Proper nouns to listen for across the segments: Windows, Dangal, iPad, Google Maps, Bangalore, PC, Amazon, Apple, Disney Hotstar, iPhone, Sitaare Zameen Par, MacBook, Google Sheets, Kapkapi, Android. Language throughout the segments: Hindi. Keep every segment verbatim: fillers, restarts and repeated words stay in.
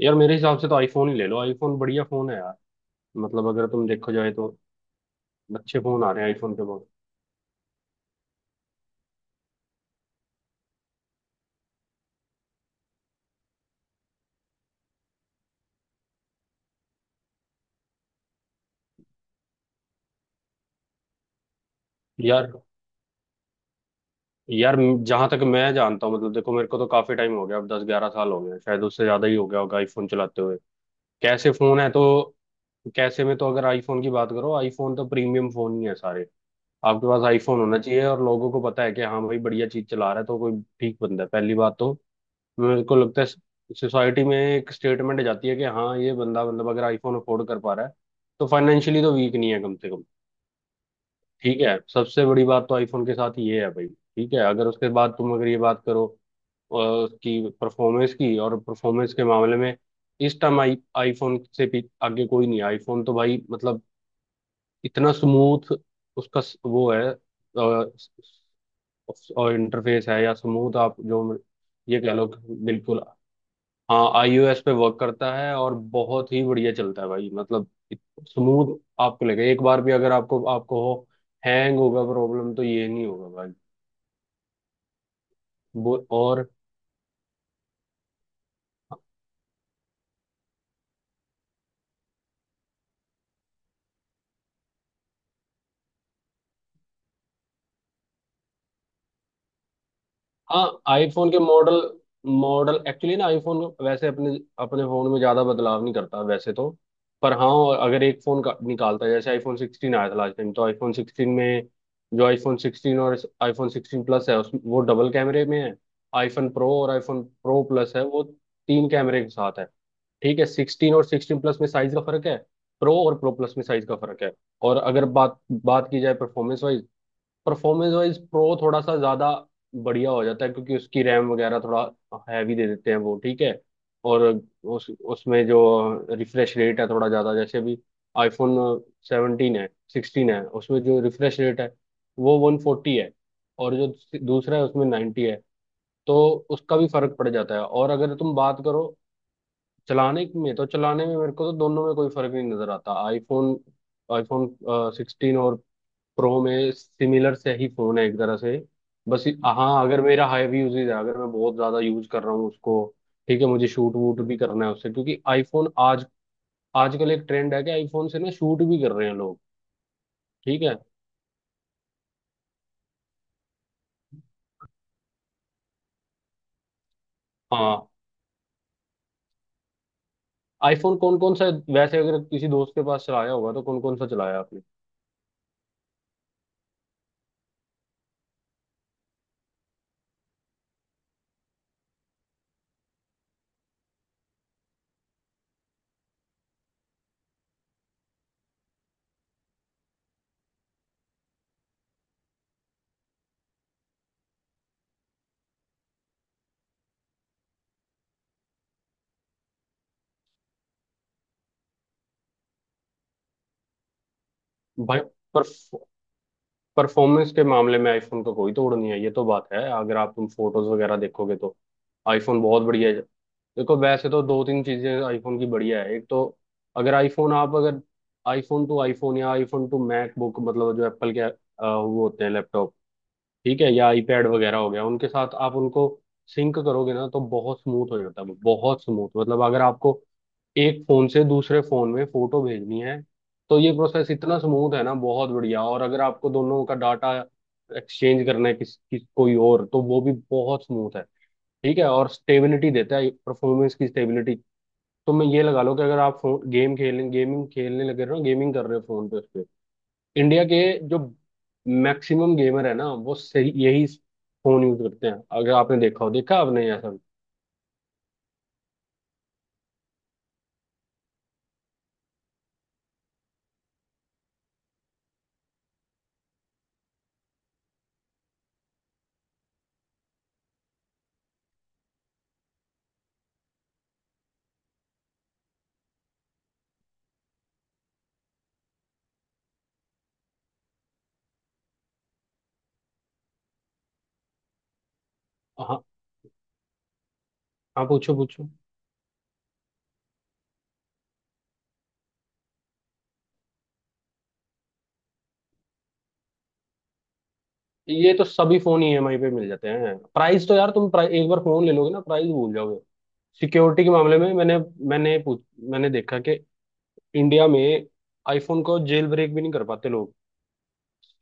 यार, मेरे हिसाब से तो आईफोन ही ले लो। आईफोन बढ़िया फोन है यार। मतलब अगर तुम देखो जाए तो अच्छे फोन आ रहे हैं आईफोन पे बहुत। यार यार जहां तक मैं जानता हूँ, मतलब देखो, मेरे को तो काफी टाइम हो गया, अब दस ग्यारह साल हो गए हैं, शायद उससे ज्यादा ही हो गया होगा आईफोन चलाते हुए। कैसे फोन है तो? कैसे में तो, अगर आईफोन की बात करो, आईफोन तो प्रीमियम फोन ही है सारे। आपके पास आईफोन होना चाहिए और लोगों को पता है कि हाँ भाई बढ़िया चीज चला रहा है तो कोई ठीक बंदा है, पहली बात तो। मेरे को लगता है सोसाइटी में एक स्टेटमेंट जाती है कि हाँ ये बंदा, मतलब, अगर आईफोन अफोर्ड कर पा रहा है तो फाइनेंशियली तो वीक नहीं है कम से कम। ठीक है, सबसे बड़ी बात तो आईफोन के साथ ये है भाई। ठीक है, अगर उसके बाद तुम अगर ये बात करो अ, उसकी परफॉर्मेंस की, और परफॉर्मेंस के मामले में इस टाइम आई आईफोन से भी आगे कोई नहीं है। आईफोन तो भाई मतलब इतना स्मूथ उसका स- वो है। अ, और इंटरफेस है या स्मूथ, आप जो ये कह लो कि बिल्कुल, हाँ आईओएस पे वर्क करता है और बहुत ही बढ़िया चलता है भाई। मतलब स्मूथ। आपको लगे एक बार भी अगर आपको आपको हो, हैंग होगा प्रॉब्लम तो ये नहीं होगा भाई। वो और हाँ आईफोन के मॉडल। मॉडल एक्चुअली ना आईफोन वैसे अपने अपने फोन में ज्यादा बदलाव नहीं करता वैसे तो। पर हाँ, अगर एक फोन का निकालता है, जैसे आईफोन सिक्सटीन आया था लास्ट टाइम, तो आईफोन सिक्सटीन में जो आईफोन सिक्सटीन और आईफोन सिक्सटीन प्लस है उस वो डबल कैमरे में है। आईफोन प्रो और आईफोन प्रो प्लस है वो तीन कैमरे के साथ है। ठीक है, सिक्सटीन और सिक्सटीन प्लस में साइज का फर्क है। प्रो और प्रो प्लस में साइज का फर्क है। और अगर बात बात की जाए performance wise, performance wise pro थोड़ा सा ज्यादा बढ़िया हो जाता है क्योंकि उसकी रैम वगैरह थोड़ा हैवी दे देते हैं वो, ठीक है। और उस उसमें जो रिफ्रेश रेट है थोड़ा ज्यादा, जैसे अभी आईफोन सेवनटीन है सिक्सटीन है उसमें जो रिफ्रेश रेट है वो वन फोर्टी है। और जो दूसरा है उसमें नाइन्टी है। तो उसका भी फर्क पड़ जाता है। और अगर तुम बात करो चलाने में तो चलाने में मेरे को तो दोनों में कोई फर्क नहीं नजर आता। आईफोन आईफोन सिक्सटीन और प्रो में सिमिलर से ही फोन है एक तरह से। बस ये- हाँ, अगर मेरा हैवी यूजेज है, अगर मैं बहुत ज्यादा यूज कर रहा हूँ उसको। ठीक है, मुझे शूट वूट भी करना है उससे, क्योंकि आईफोन आज आजकल एक ट्रेंड है कि आईफोन से ना शूट भी कर रहे हैं लोग। ठीक है, हाँ। आईफोन कौन कौन सा, वैसे अगर किसी दोस्त के पास चलाया होगा तो कौन कौन सा चलाया आपने? भाई, पर परफॉर्मेंस के मामले में आईफोन का कोई तोड़ नहीं है, ये तो बात है। अगर आप तुम फोटोज वगैरह देखोगे तो आईफोन बहुत बढ़िया है। देखो, वैसे तो दो तीन चीजें आईफोन की बढ़िया है। एक तो अगर आईफोन आप अगर आईफोन टू आईफोन या आईफोन टू मैकबुक, मतलब जो एप्पल के अ, वो होते हैं लैपटॉप, ठीक है, या आईपैड वगैरह हो गया, उनके साथ आप उनको सिंक करोगे ना तो बहुत स्मूथ हो जाता है वो, बहुत स्मूथ। मतलब अगर आपको एक फोन से दूसरे फोन में फोटो भेजनी है तो ये प्रोसेस इतना स्मूथ है ना, बहुत बढ़िया। और अगर आपको दोनों का डाटा एक्सचेंज करना है किस, किस कोई और, तो वो भी बहुत स्मूथ है, ठीक है। और स्टेबिलिटी देता है, परफॉर्मेंस की स्टेबिलिटी। तो मैं ये लगा लो कि अगर आप गेम खेल गेमिंग खेलने लगे हो, गेमिंग कर रहे हो फोन पे, इंडिया के जो मैक्सिमम गेमर है ना वो सही यही फोन यूज करते हैं। अगर आपने देखा हो, देखा आपने ऐसा। हाँ हाँ, पूछो पूछो ये तो सभी फोन ईएमआई पे मिल जाते हैं। प्राइस तो यार, तुम प्राइस एक बार फोन ले लोगे ना, प्राइस भूल जाओगे। सिक्योरिटी के मामले में मैंने मैंने पूछ मैंने देखा कि इंडिया में आईफोन को जेल ब्रेक भी नहीं कर पाते लोग।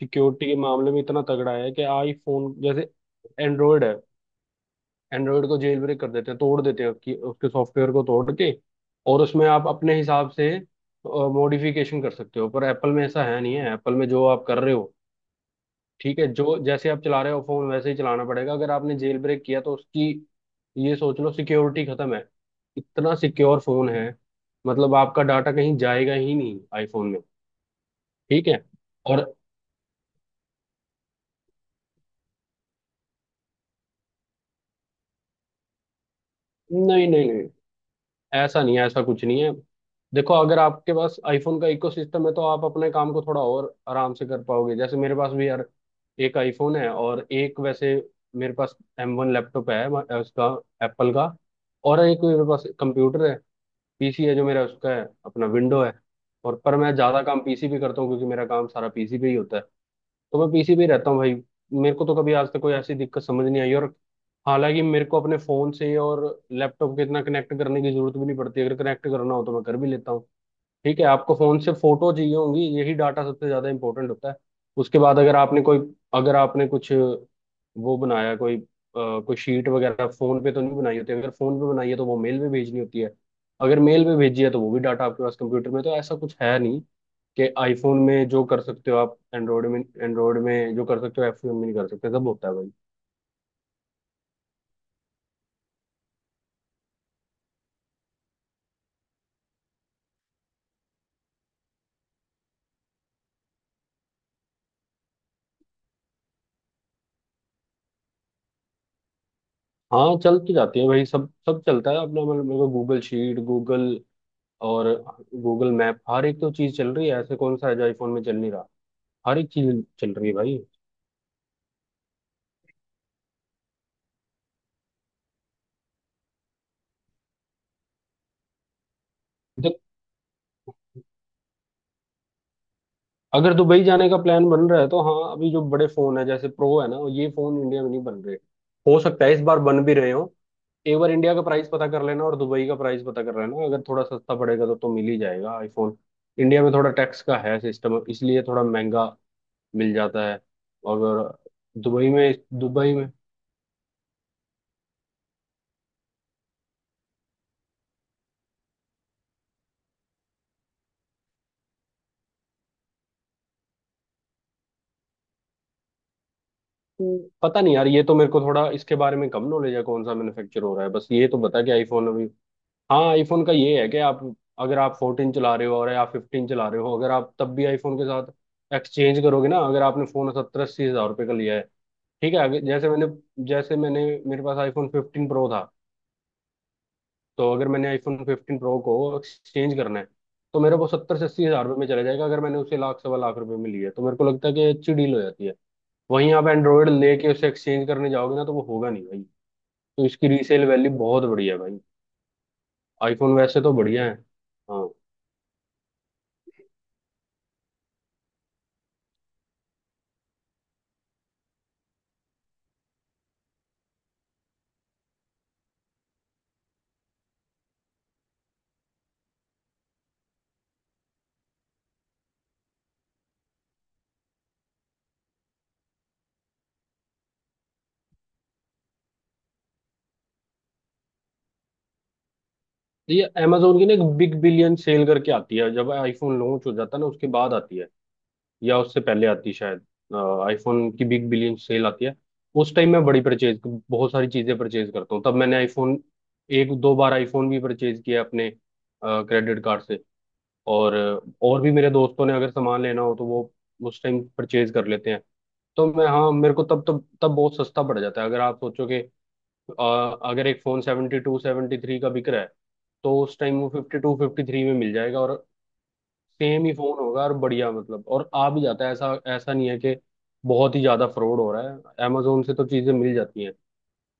सिक्योरिटी के मामले में इतना तगड़ा है कि आईफोन। जैसे एंड्रॉयड है, एंड्रॉयड को जेल ब्रेक कर देते हैं, तोड़ देते हैं उसकी उसके सॉफ्टवेयर को तोड़ के, और उसमें आप अपने हिसाब से मॉडिफिकेशन कर सकते हो। पर एप्पल में ऐसा है नहीं है, एप्पल में जो आप कर रहे हो, ठीक है, जो जैसे आप चला रहे हो फोन वैसे ही चलाना पड़ेगा। अगर आपने जेल ब्रेक किया तो उसकी ये सोच लो सिक्योरिटी खत्म है। इतना सिक्योर फोन है, मतलब आपका डाटा कहीं जाएगा ही नहीं आईफोन में, ठीक है। और नहीं नहीं नहीं, ऐसा नहीं है, ऐसा कुछ नहीं है। देखो, अगर आपके पास आईफोन का इकोसिस्टम है तो आप अपने काम को थोड़ा और आराम से कर पाओगे। जैसे मेरे पास भी यार एक आईफोन है और एक वैसे, मेरे पास एम वन लैपटॉप है म- उसका, एप्पल का। और एक मेरे पास कंप्यूटर है, पीसी है जो मेरा, उसका है अपना विंडो है। और पर मैं ज्यादा काम पीसी पे करता हूँ क्योंकि मेरा काम सारा पीसी पे ही होता है, तो मैं पीसी पे ही रहता हूँ भाई। मेरे को तो कभी आज तक कोई ऐसी दिक्कत समझ नहीं आई। और हालांकि मेरे को अपने फोन से और लैपटॉप के इतना कनेक्ट करने की जरूरत भी नहीं पड़ती। अगर कनेक्ट करना हो तो मैं कर भी लेता हूँ। ठीक है, आपको फोन से फोटो चाहिए होंगी, यही डाटा सबसे ज्यादा इंपॉर्टेंट होता है। उसके बाद अगर आपने कोई अगर आपने कुछ वो बनाया, कोई अ, कोई शीट वगैरह फोन पे तो नहीं बनाई होती। अगर फोन पे बनाई है तो वो मेल में भेजनी होती है, अगर मेल में भेजी है तो वो भी डाटा आपके पास कंप्यूटर में, तो ऐसा कुछ है नहीं कि आईफोन में जो कर सकते हो आप एंड्रॉयड में एंड्रॉयड में जो कर सकते हो iPhone में नहीं कर सकते, सब होता है भाई। हाँ चल तो जाती है भाई, सब सब चलता है अपना। मतलब मेरे को गूगल शीट, गूगल, और गूगल मैप, हर एक तो चीज चल रही है, ऐसे कौन सा है जो आईफोन में चल नहीं रहा। हर एक चीज चल रही है भाई। देख, अगर दुबई जाने का प्लान बन रहा है तो हाँ, अभी जो बड़े फोन है जैसे प्रो है ना, ये फोन इंडिया में नहीं बन रहे। हो सकता है इस बार बन भी रहे हो। एक बार इंडिया का प्राइस पता कर लेना और दुबई का प्राइस पता कर लेना, अगर थोड़ा सस्ता पड़ेगा तो तो मिल ही जाएगा आईफोन। इंडिया में थोड़ा टैक्स का है सिस्टम, इसलिए थोड़ा महंगा मिल जाता है। और दुबई में दुबई में हम्म, पता नहीं यार, ये तो मेरे को थोड़ा इसके बारे में कम नॉलेज है, कौन सा मैन्युफैक्चर हो रहा है। बस ये तो बता कि आईफोन अभी, हाँ आईफोन का ये है कि आप अगर आप फोर्टीन चला रहे हो और या फिफ्टीन चला रहे हो, अगर आप तब भी आईफोन के साथ एक्सचेंज करोगे ना, अगर आपने फोन सत्तर अस्सी हजार रुपये का लिया है, ठीक है। अगर जैसे मैंने जैसे मैंने मेरे पास आईफोन फिफ्टीन प्रो था, तो अगर मैंने आईफोन फिफ्टीन प्रो को एक्सचेंज करना है तो मेरा वो सत्तर से अस्सी हजार रुपये में चला जाएगा। अगर मैंने उसे लाख सवा लाख रुपए में लिया है, तो मेरे को लगता है कि अच्छी डील हो जाती है। वहीं आप एंड्रॉयड लेके उसे एक्सचेंज करने जाओगे ना तो वो होगा नहीं भाई। तो इसकी रीसेल वैल्यू बहुत बढ़िया है भाई। आईफोन वैसे तो बढ़िया है, हाँ। तो ये Amazon की ना एक बिग बिलियन सेल करके आती है, जब आईफोन लॉन्च हो जाता है ना उसके बाद आती है, या उससे पहले आती है शायद। आईफोन की बिग बिलियन सेल आती है। उस टाइम मैं बड़ी परचेज, बहुत सारी चीजें परचेज करता हूँ। तब मैंने आईफोन, एक दो बार आईफोन भी परचेज किया अपने क्रेडिट कार्ड से। और और भी मेरे दोस्तों ने अगर सामान लेना हो तो वो उस टाइम परचेज कर लेते हैं। तो मैं हाँ मेरे को तब तब तब बहुत सस्ता पड़ जाता है। अगर आप सोचो कि आ, अगर एक phone seventy two seventy three का बिक रहा है तो उस टाइम वो फिफ्टी टू फिफ्टी थ्री में मिल जाएगा, और सेम ही फोन होगा और बढ़िया। मतलब और आ भी जाता है, ऐसा ऐसा नहीं है कि बहुत ही ज्यादा फ्रॉड हो रहा है। amazon से तो चीजें मिल जाती हैं,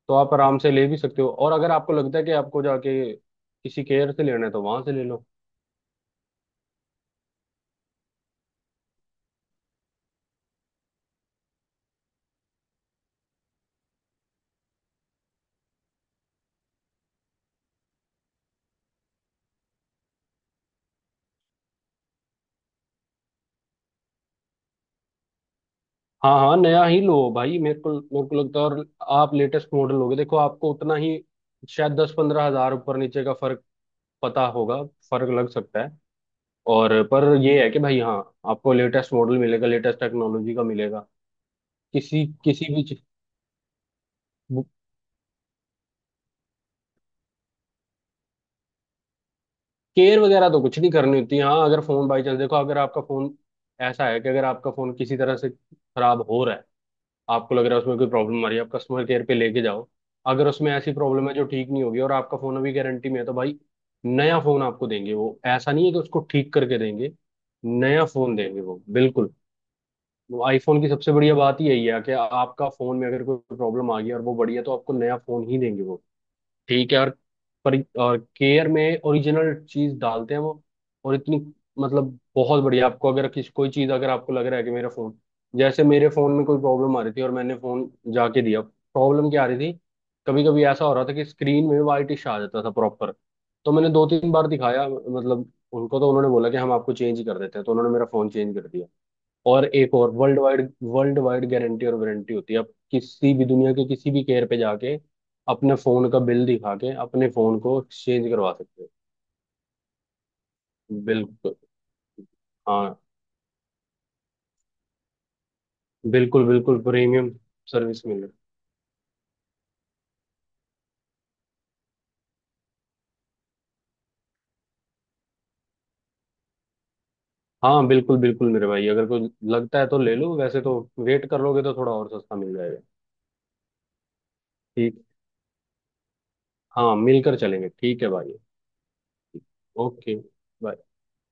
तो आप आराम से ले भी सकते हो। और अगर आपको लगता है कि आपको जाके किसी केयर से लेना है तो वहां से ले लो। हाँ हाँ नया ही लो भाई, मेरे को मेरे को लगता है। और आप लेटेस्ट मॉडल लोगे देखो आपको उतना ही, शायद दस पंद्रह हजार ऊपर नीचे का फर्क पता होगा, फर्क लग सकता है। और पर ये है कि भाई हाँ, आपको लेटेस्ट मॉडल मिलेगा, लेटेस्ट टेक्नोलॉजी का मिलेगा किसी किसी भी। केयर वगैरह तो कुछ नहीं करनी होती। हाँ अगर फोन बाई चांस, देखो अगर आपका फोन ऐसा है कि अगर आपका फोन किसी तरह से खराब हो रहा है, आपको लग रहा है उसमें कोई प्रॉब्लम आ रही है, आप कस्टमर केयर पे लेके जाओ। अगर उसमें ऐसी प्रॉब्लम है जो ठीक नहीं होगी और आपका फोन अभी गारंटी में है तो भाई नया फोन आपको देंगे वो। ऐसा नहीं है कि उसको ठीक करके देंगे, नया फोन देंगे वो, बिल्कुल। आईफोन की सबसे बढ़िया बात ही यही है कि आपका फोन में अगर कोई प्रॉब्लम आ गई और वो बढ़िया, तो आपको नया फोन ही देंगे वो, ठीक है। और पर और केयर में ओरिजिनल चीज डालते हैं वो, और इतनी मतलब बहुत बढ़िया। आपको अगर किस कोई चीज अगर आपको लग रहा है कि मेरा फोन, जैसे मेरे फोन में कोई प्रॉब्लम आ रही थी और मैंने फोन जाके दिया। प्रॉब्लम क्या आ रही थी, कभी कभी ऐसा हो रहा था कि स्क्रीन में वाइटिश आ जाता था प्रॉपर। तो मैंने दो तीन बार दिखाया मतलब उनको, तो उन्होंने बोला कि हम आपको चेंज कर देते हैं, तो उन्होंने मेरा फोन चेंज कर दिया। और एक और worldwide worldwide guarantee और वारंटी होती है, आप किसी भी दुनिया के किसी भी केयर पे जाके अपने फोन का बिल दिखा के अपने फोन को एक्सचेंज करवा सकते हो, बिल्कुल। हाँ, बिल्कुल बिल्कुल प्रीमियम सर्विस मिल रही। हाँ बिल्कुल बिल्कुल मेरे भाई, अगर कोई लगता है तो ले लो, वैसे तो वेट कर लोगे तो थोड़ा और सस्ता मिल जाएगा। ठीक। हाँ मिलकर चलेंगे, ठीक है भाई। ओके।